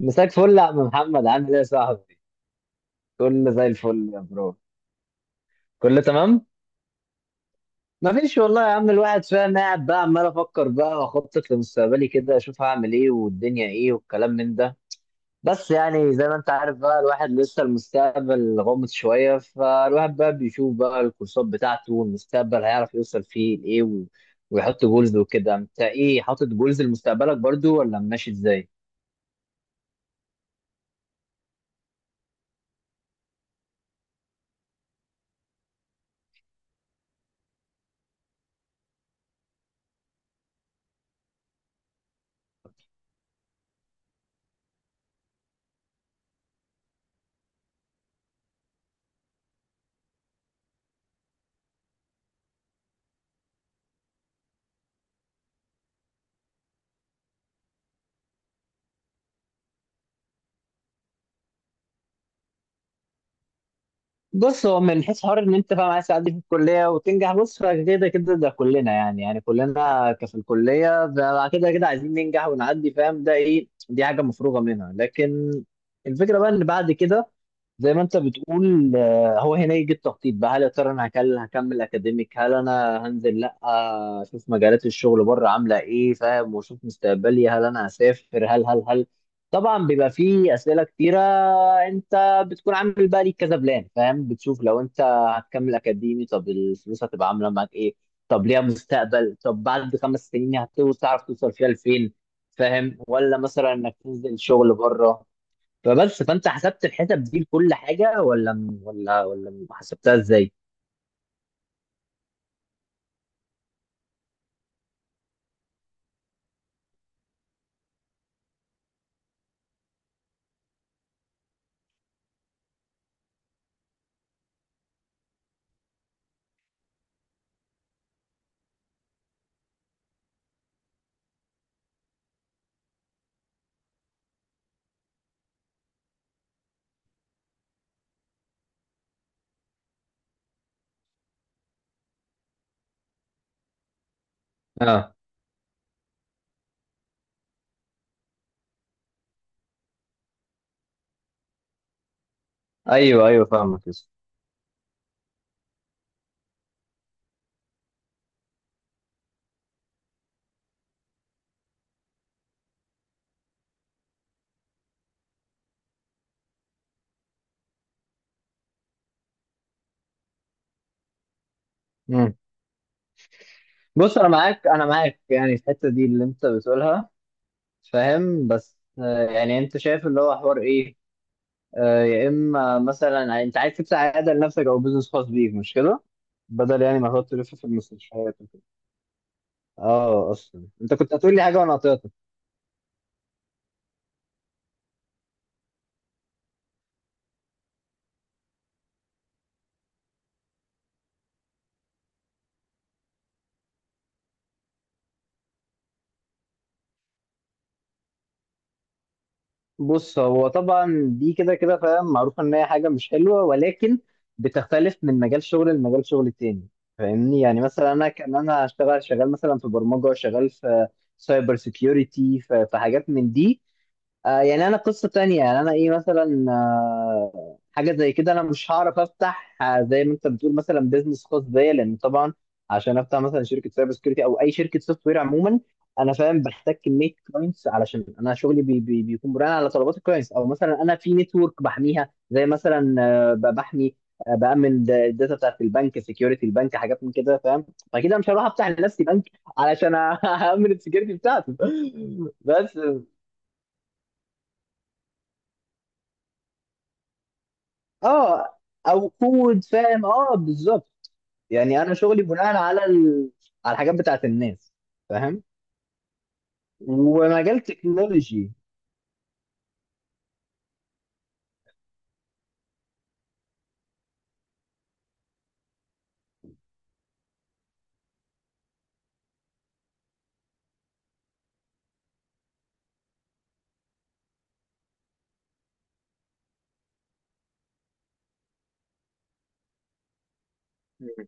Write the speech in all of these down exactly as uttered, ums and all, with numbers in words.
مساك فل يا عم محمد، عامل ايه يا صاحبي؟ كله زي الفل يا برو. كله تمام؟ مفيش والله يا عم. الواحد فاهم، قاعد بقى عمال افكر بقى واخطط لمستقبلي كده، اشوف هعمل ايه والدنيا ايه والكلام من ده. بس يعني زي ما انت عارف بقى، الواحد لسه المستقبل غامض شوية، فالواحد بقى بيشوف بقى الكورسات بتاعته والمستقبل هيعرف يوصل فيه لايه و... ويحط جولز وكده. انت ايه، حاطط جولز لمستقبلك برضو ولا ماشي ازاي؟ بص، هو من حيث حوار ان انت فاهم عايز تعدي في الكليه وتنجح، بص فكده كده ده كلنا، يعني يعني كلنا ك- في الكليه ب- كده كده عايزين ننجح ونعدي، فاهم؟ ده ايه، دي حاجه مفروغه منها. لكن الفكره بقى ان بعد كده، زي ما انت بتقول آه، هو هنا يجي التخطيط بقى. هل يا ترى انا هكل- هكمل اكاديميك، هل انا هنزل لا اشوف مجالات الشغل بره عامله ايه، فاهم؟ واشوف مستقبلي، هل انا هسافر، هل هل هل طبعا بيبقى فيه اسئله كتيره. انت بتكون عامل بقى ليك كذا بلان، فاهم، بتشوف لو انت هتكمل اكاديمي، طب الفلوس هتبقى عامله معاك ايه، طب ليها مستقبل، طب بعد خمس سنين هتوصل، تعرف توصل فيها لفين، فاهم؟ ولا مثلا انك تنزل شغل بره. فبس، فانت حسبت الحسب دي لكل حاجه، ولا م- ولا ولا م- حسبتها ازاي؟ اه، ايوه ايوه فاهمك، يس. مم. بص انا معاك، انا معاك يعني في الحته دي اللي انت بتقولها، فاهم. بس آه، يعني انت شايف اللي هو حوار ايه؟ آه، يا اما مثلا انت عايز تفتح عياده لنفسك او بزنس خاص بيك، مش كده؟ بدل يعني ما تقعد تلف في المستشفيات وكده. اه، اصلا انت كنت هتقول لي حاجه وانا قطعتك. بص، هو طبعا دي كده كده فاهم، معروف ان هي حاجه مش حلوه، ولكن بتختلف من مجال شغل لمجال شغل تاني، فاهمني؟ يعني مثلا انا كان انا هشتغل شغال مثلا في برمجه، شغال في سايبر سيكيورتي، في في حاجات من دي. آه يعني انا قصه تانية، يعني انا ايه مثلا آه حاجه زي كده، انا مش هعرف افتح آه زي ما انت بتقول مثلا بيزنس خاص بيا، لان طبعا عشان افتح مثلا شركه سايبر سكيورتي او اي شركه سوفت وير عموما، انا فاهم، بحتاج كميه كلاينتس علشان انا شغلي بي بي بيكون بناء على طلبات الكلاينتس. او مثلا انا في نتورك بحميها، زي مثلا آه ب- بحمي آه بامن الداتا بتاعت البنك، سكيورتي البنك، حاجات من كده، فاهم. فكده مش هروح افتح لنفسي بنك علشان أ- اامن السكيورتي بتاعته. بس اه، او كود، فاهم، اه بالظبط. يعني انا شغلي بناء على ال... على الحاجات بتاعت الناس، فاهم. ومجال تكنولوجي. مم.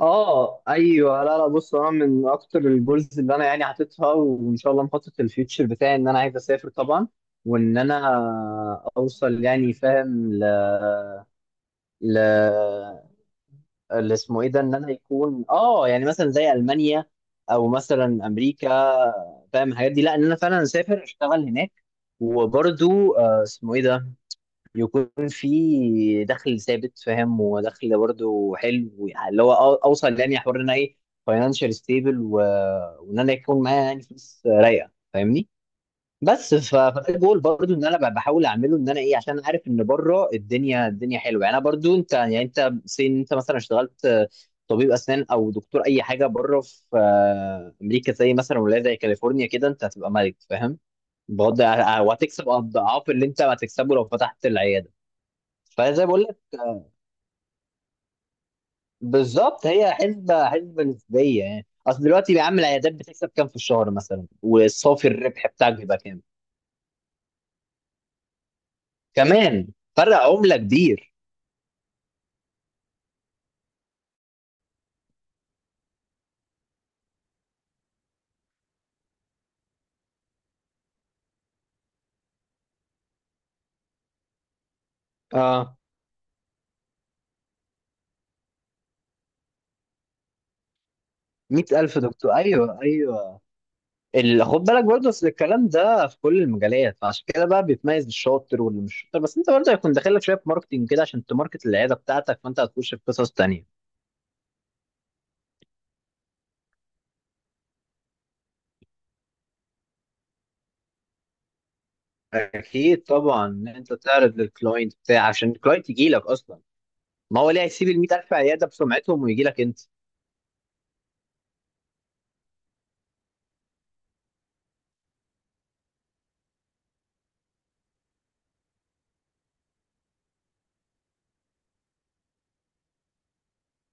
اه ايوه. لا لا، بص انا من اكتر الجولز اللي انا يعني حاططها وان شاء الله مخطط الفيوتشر بتاعي، ان انا عايز اسافر طبعا، وان انا اوصل يعني فاهم ل... ل... اللي اسمه ايه ده، ان انا يكون اه يعني مثلا زي المانيا او مثلا امريكا، فاهم الحاجات دي. لا ان انا فعلا اسافر اشتغل هناك، وبرضو آه، اسمه ايه ده، يكون في دخل ثابت، فاهم، ودخل برضو حلو، يعني اللي هو أو- اوصل يعني حوار ان انا ايه، فاينانشال ستيبل، وان انا يكون معايا يعني فلوس رايقه، فاهمني. بس ف- فده جول برضو ان انا ب- بحاول اعمله، ان انا ايه عشان أنا عارف ان بره الدنيا الدنيا حلوه. يعني انا برضو انت، يعني انت سين، انت مثلا اشتغلت آه، طبيب اسنان او دكتور اي حاجه بره في آه، امريكا زي مثلا، ولايه زي كاليفورنيا كده انت هتبقى ملك، فاهم، بغض آه، وهتكسب اضعاف اللي انت هتكسبه لو فتحت العياده. فزي بقول لك بالظبط، هي حسبه حسبه نسبيه، يعني اصل دلوقتي يا عم العيادات بتكسب كام في الشهر مثلا، والصافي الربح بتاعك بيبقى كام، كمان فرق عمله كبير. اه، مية ألف دكتور، ايوه ايوه. ال- خد بالك برضه، اصل الكلام ده في كل المجالات، فعشان كده بقى بيتميز الشاطر واللي مش شاطر، بس انت برضه هيكون داخل لك شويه ماركتنج كده عشان تماركت العياده بتاعتك، فانت هتخش في قصص تانيه. اكيد طبعا، ان انت تعرض للكلاينت بتاع عشان الكلاينت يجي لك اصلا. ما هو ليه هيسيب ال ميت ألف عياده بسمعتهم ويجي لك انت؟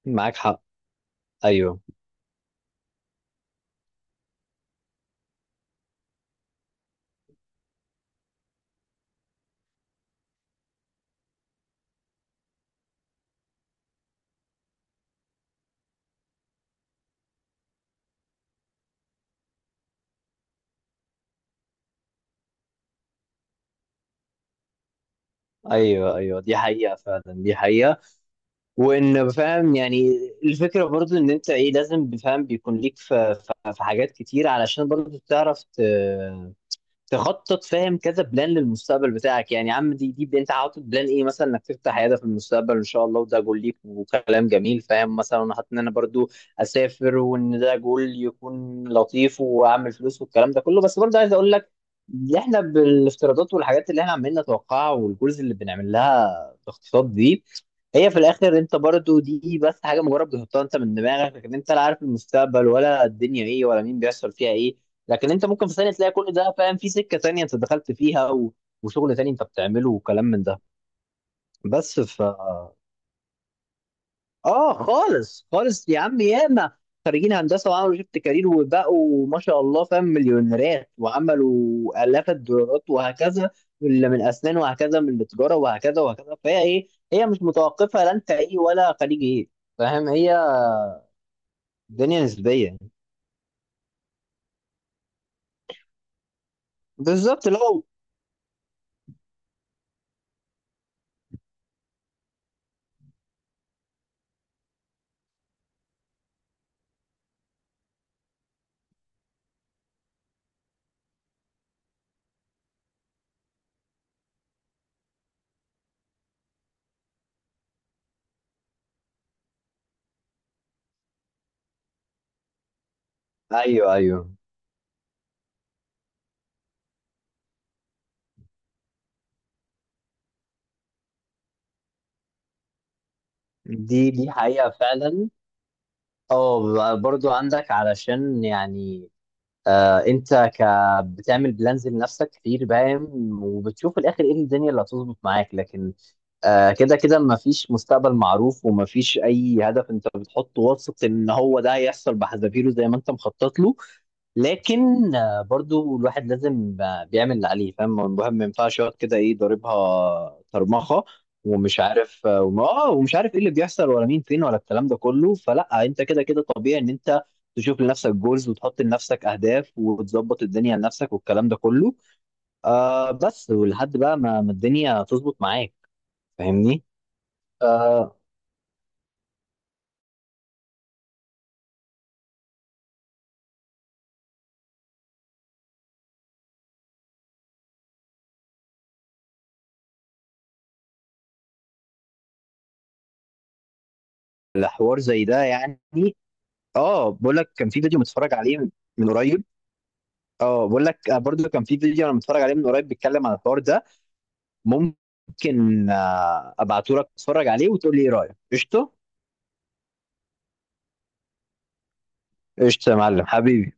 معاك حق. ايوه ايوه ايوه، دي حقيقه فعلا، دي حقيقه. وان فاهم يعني الفكره برضو ان انت ايه، لازم فاهم بيكون ليك في في في حاجات كتير علشان برضو تعرف ت- تخطط، فاهم، كذا بلان للمستقبل بتاعك، يعني يا عم دي دي بلان. انت حاطط بلان ايه مثلا، انك تفتح عياده في المستقبل ان شاء الله، وده جول ليك، وكلام جميل، فاهم. مثلا انا حاطط ان انا برضو اسافر، وان ده جول يكون لطيف، واعمل فلوس والكلام ده كله. بس برضو عايز اقول لك، اللي احنا بالافتراضات والحاجات اللي احنا عمالين نتوقعها، والجولز اللي بنعمل لها تخطيطات دي، هي في الاخر انت برضو دي بس حاجه مجرد بتحطها انت من دماغك. لكن انت لا عارف المستقبل، ولا الدنيا ايه، ولا مين بيحصل فيها ايه. لكن انت ممكن في ثانيه تلاقي كل ده، فاهم، في سكه تانية انت دخلت فيها و... وشغل تاني انت بتعمله، وكلام من ده. بس ف اه خالص خالص يا عم، ياما خريجين هندسه وعملوا شيفت كارير وبقوا ما شاء الله فاهم مليونيرات، وعملوا الاف الدولارات، وهكذا. اللي من اسنان وهكذا، من التجاره وهكذا وهكذا. فهي ايه، هي مش متوقفه لا انت ايه ولا خريج ايه، فاهم، هي الدنيا نسبيه. بالظبط لو. ايوه ايوه، دي دي حقيقه فعلا. اه برضو عندك، علشان يعني آه انت ك بتعمل بلانز لنفسك كتير، باين. وبتشوف في الاخر ايه الدنيا اللي هتظبط معاك. لكن آه كده كده مفيش مستقبل معروف، ومفيش اي هدف انت بتحطه واثق ان هو ده هيحصل بحذافيره زي ما انت مخطط له. لكن آه، برضو الواحد لازم آه، بيعمل اللي عليه، فاهم، الواحد ما ينفعش يقعد كده ايه، ضاربها طرمخه ومش عارف اه وم- آه، ومش عارف ايه اللي بيحصل ولا مين فين، ولا الكلام ده كله. فلا، انت كده كده طبيعي ان انت تشوف لنفسك جولز وتحط لنفسك اهداف وتظبط الدنيا لنفسك والكلام ده كله. آه بس ولحد بقى ما ما الدنيا تظبط معاك، فاهمني. آه الحوار زي ده يعني. اه بقول لك كان في فيديو متفرج عليه من قريب. اه بقول لك آه، برضو كان في فيديو انا متفرج عليه من قريب، بيتكلم عن الحوار ده. ممكن ابعته لك تتفرج عليه وتقول لي ايه رايك، قشطه؟ قشطه يا معلم حبيبي.